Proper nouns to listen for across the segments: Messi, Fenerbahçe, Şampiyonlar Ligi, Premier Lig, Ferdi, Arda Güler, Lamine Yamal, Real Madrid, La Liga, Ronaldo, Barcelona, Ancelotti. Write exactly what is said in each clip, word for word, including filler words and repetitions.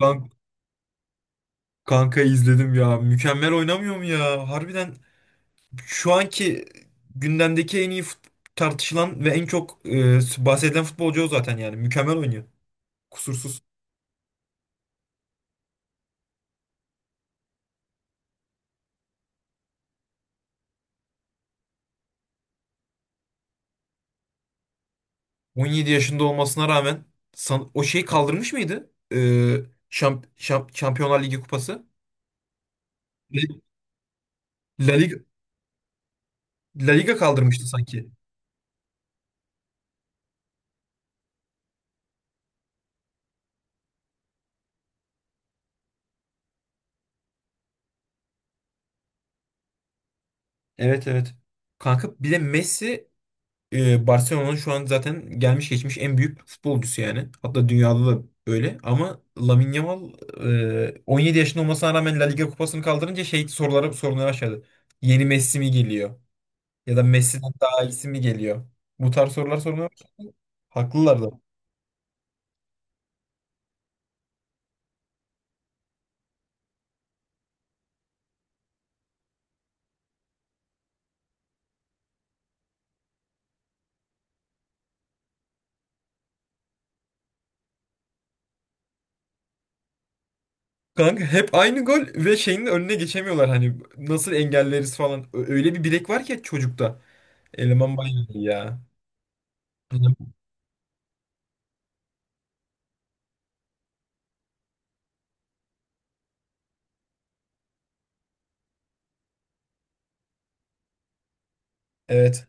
Kan- Kanka izledim ya. Mükemmel oynamıyor mu ya? Harbiden şu anki gündemdeki en iyi fut- tartışılan ve en çok e, bahsedilen futbolcu o zaten yani. Mükemmel oynuyor. Kusursuz. on yedi yaşında olmasına rağmen san- o şeyi kaldırmış mıydı? E, şamp şamp- Şampiyonlar Ligi kupası. La Liga, La Liga kaldırmıştı sanki. Evet, evet. Kanka bir de Messi e, Barcelona'nın şu an zaten gelmiş geçmiş en büyük futbolcusu yani. Hatta dünyada da öyle. Ama Lamine Yamal, e, on yedi yaşında olmasına rağmen La Liga kupasını kaldırınca şey, sorulara sormaya başladı. Yeni Messi mi geliyor? Ya da Messi'den daha iyisi mi geliyor? Bu tarz sorular sormaya başladı. Haklılar da. Kanka hep aynı gol, ve şeyin de önüne geçemiyorlar hani, nasıl engelleriz falan. Ö- Öyle bir bilek var ki çocukta. Eleman bayağı iyi ya. Evet.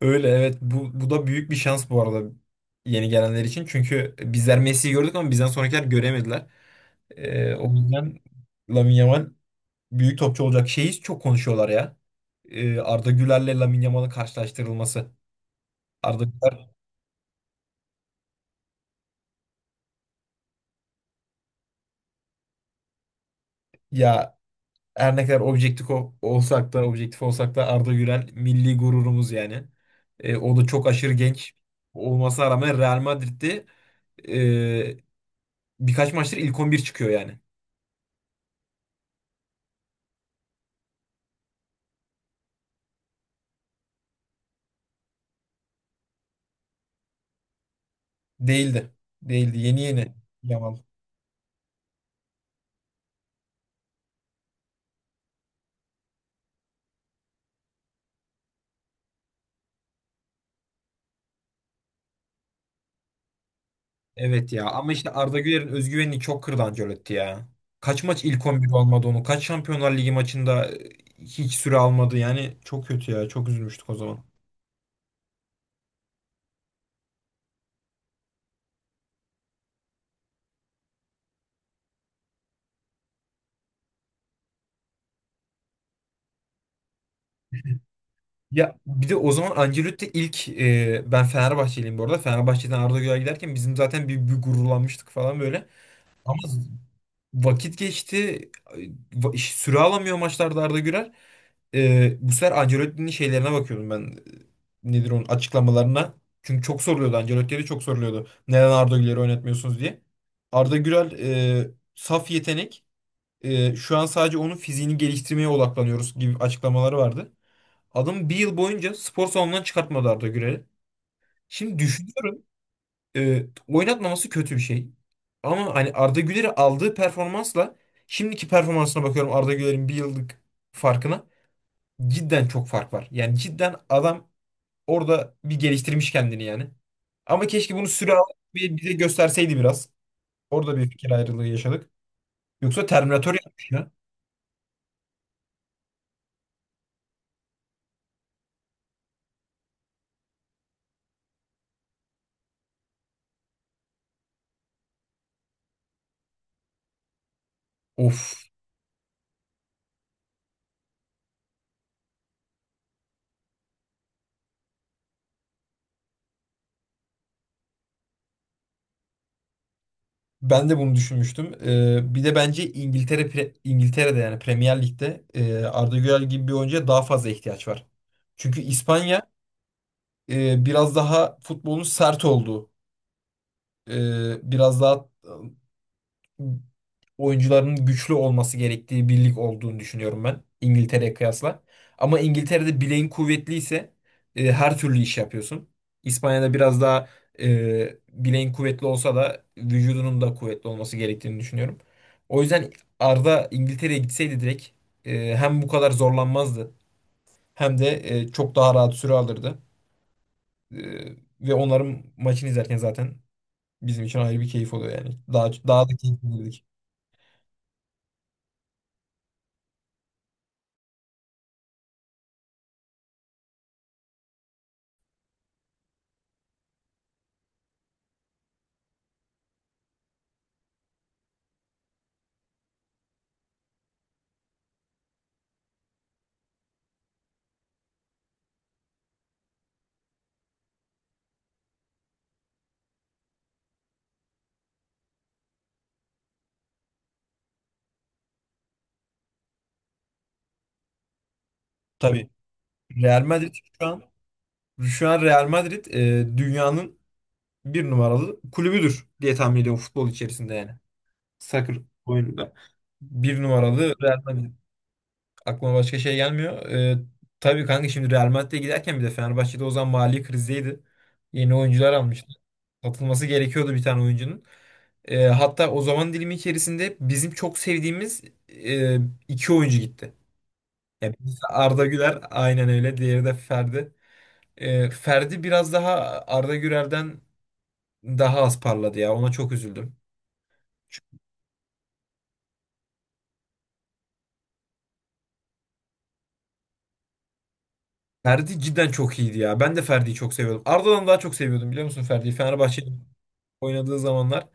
Öyle, evet, bu, bu da büyük bir şans bu arada, yeni gelenler için. Çünkü bizler Messi'yi gördük ama bizden sonrakiler göremediler. Ee, o Hmm. yüzden Lamine Yamal büyük topçu olacak. Şeyi çok konuşuyorlar ya. Ee, Arda Güler'le Lamine Yamal'ın karşılaştırılması. Arda Güler ya, her ne kadar objektif o- olsak da, objektif olsak da, Arda Güler milli gururumuz yani. Ee, o da çok aşırı genç olmasına rağmen Real Madrid'de e, birkaç maçtır ilk on bir çıkıyor yani. Değildi. Değildi. Yeni yeni. Yamal. Evet ya, ama işte Arda Güler'in özgüvenini çok kırdı Ancelotti ya. Kaç maç ilk on bir olmadı onu. Kaç Şampiyonlar Ligi maçında e, hiç süre almadı. Yani çok kötü ya. Çok üzülmüştük o zaman. Ya bir de o zaman Ancelotti ilk e, ben Fenerbahçeliyim bu arada. Fenerbahçe'den Arda Güler giderken bizim zaten bir, bir gururlanmıştık falan böyle. Ama vakit geçti. Va- iş- Süre alamıyor maçlarda Arda Güler. Ee, bu sefer Ancelotti'nin şeylerine bakıyordum ben. Ee, Nedir onun açıklamalarına. Çünkü çok soruluyordu. Ancelotti'ye de çok soruluyordu. Neden Arda Güler'i oynatmıyorsunuz diye. Arda Güler e, saf yetenek. E, şu an sadece onun fiziğini geliştirmeye odaklanıyoruz gibi açıklamaları vardı. Adam bir yıl boyunca spor salonundan çıkartmadı Arda Güler'i. Şimdi düşünüyorum e, oynatmaması kötü bir şey. Ama hani Arda Güler'i aldığı performansla şimdiki performansına bakıyorum, Arda Güler'in bir yıllık farkına, cidden çok fark var. Yani cidden adam orada bir geliştirmiş kendini yani. Ama keşke bunu süre alıp bir- bize gösterseydi biraz. Orada bir fikir ayrılığı yaşadık. Yoksa Terminator yapmış ya. Of. Ben de bunu düşünmüştüm. Ee, bir de bence İngiltere pre- İngiltere'de, yani Premier Lig'de, e, Arda Güler gibi bir oyuncuya daha fazla ihtiyaç var. Çünkü İspanya e, biraz daha futbolun sert olduğu, e, biraz daha oyuncuların güçlü olması gerektiği bir lig olduğunu düşünüyorum ben, İngiltere'ye kıyasla. Ama İngiltere'de bileğin kuvvetliyse e, her türlü iş yapıyorsun. İspanya'da biraz daha, e, bileğin kuvvetli olsa da vücudunun da kuvvetli olması gerektiğini düşünüyorum. O yüzden Arda İngiltere'ye gitseydi direkt, e, hem bu kadar zorlanmazdı hem de e, çok daha rahat süre alırdı. E, ve onların maçını izlerken zaten bizim için ayrı bir keyif oluyor yani. Daha daha da keyif alırdık. Tabii. Real Madrid şu an Şu an Real Madrid e, dünyanın bir numaralı kulübüdür diye tahmin ediyorum, futbol içerisinde yani. Soccer oyununda. Bir numaralı Real Madrid. Aklıma başka şey gelmiyor. E, tabii kanka, şimdi Real Madrid'e giderken bir de Fenerbahçe'de o zaman mali krizdeydi. Yeni oyuncular almıştı. Satılması gerekiyordu bir tane oyuncunun. E, hatta o zaman dilimi içerisinde bizim çok sevdiğimiz e, iki oyuncu gitti. Yani birisi Arda Güler, aynen öyle. Diğeri de Ferdi. E, Ferdi biraz daha Arda Güler'den daha az parladı ya. Ona çok üzüldüm. Ferdi cidden çok iyiydi ya. Ben de Ferdi'yi çok seviyordum. Arda'dan daha çok seviyordum, biliyor musun Ferdi'yi? Fenerbahçe'de oynadığı zamanlar.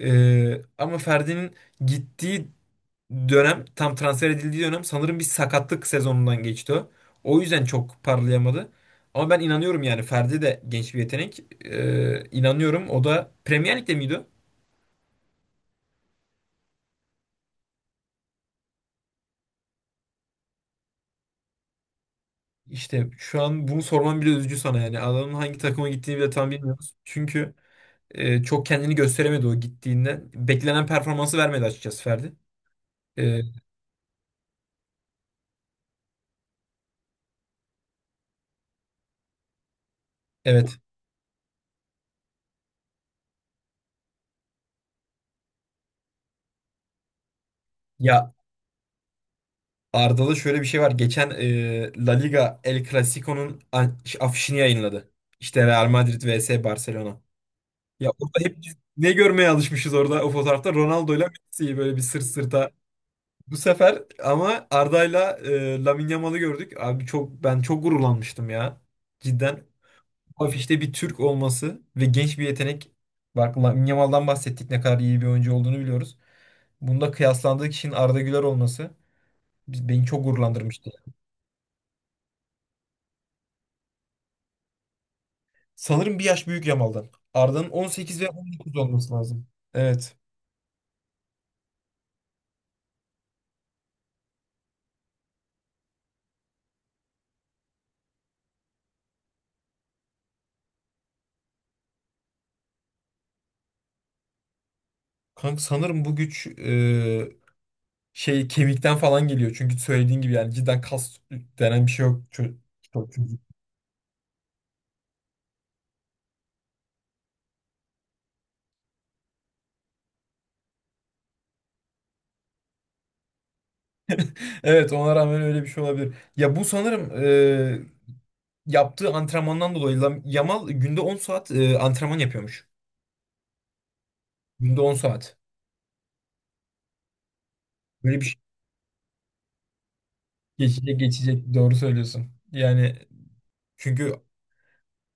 Ee, ama Ferdi'nin gittiği dönem, tam transfer edildiği dönem, sanırım bir sakatlık sezonundan geçti o. O yüzden çok parlayamadı. Ama ben inanıyorum yani, Ferdi de genç bir yetenek. Ee, inanıyorum. O da Premier Lig'de miydi o? İşte şu an bunu sormam bile üzücü sana yani. Adamın hangi takıma gittiğini bile tam bilmiyoruz. Çünkü e, çok kendini gösteremedi o gittiğinde. Beklenen performansı vermedi açıkçası Ferdi. E, evet. Ya Arda'da şöyle bir şey var. Geçen e, La Liga El Clasico'nun an- afişini yayınladı. İşte Real Madrid vs Barcelona. Ya orada hep biz ne görmeye alışmışız, orada o fotoğrafta Ronaldo ile Messi'yi, böyle bir sırt sırta. Bu sefer ama Arda'yla e, Lamine Yamal'ı gördük. Abi çok ben çok gururlanmıştım ya. Cidden. Afişte bir Türk olması ve genç bir yetenek. Bak, Lamine Yamal'dan bahsettik, ne kadar iyi bir oyuncu olduğunu biliyoruz. Bunda kıyaslandığı kişinin Arda Güler olması biz- beni çok gururlandırmıştı. Sanırım bir yaş büyük Yamal'dan. Arda'nın on sekiz veya on dokuz olması lazım. Evet. Kanka sanırım bu güç, e, şey, kemikten falan geliyor. Çünkü söylediğin gibi yani, cidden kas denen bir şey yok. Çö- çok çocuk. Evet, ona rağmen öyle bir şey olabilir. Ya bu sanırım e, yaptığı antrenmandan dolayı Lam- Yamal günde on saat e, antrenman yapıyormuş. Günde on saat. Böyle bir şey. Geçecek, geçecek. Doğru söylüyorsun. Yani çünkü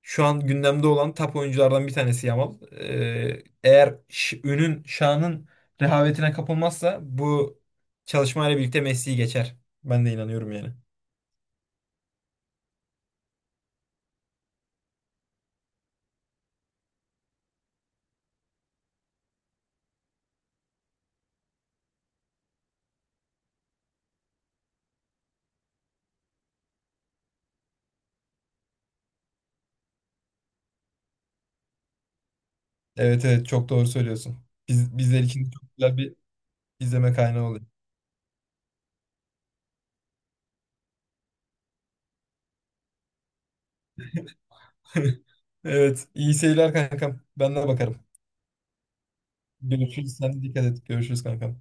şu an gündemde olan top oyunculardan bir tanesi Yamal. Ee, eğer ş- ünün, şanın rehavetine kapılmazsa, bu çalışmayla birlikte Messi'yi geçer. Ben de inanıyorum yani. Evet, evet, çok doğru söylüyorsun. Biz, bizler için çok güzel bir izleme kaynağı oluyor. Evet, iyi seyirler kankam. Ben de bakarım. Görüşürüz. Sen de dikkat et. Görüşürüz kankam.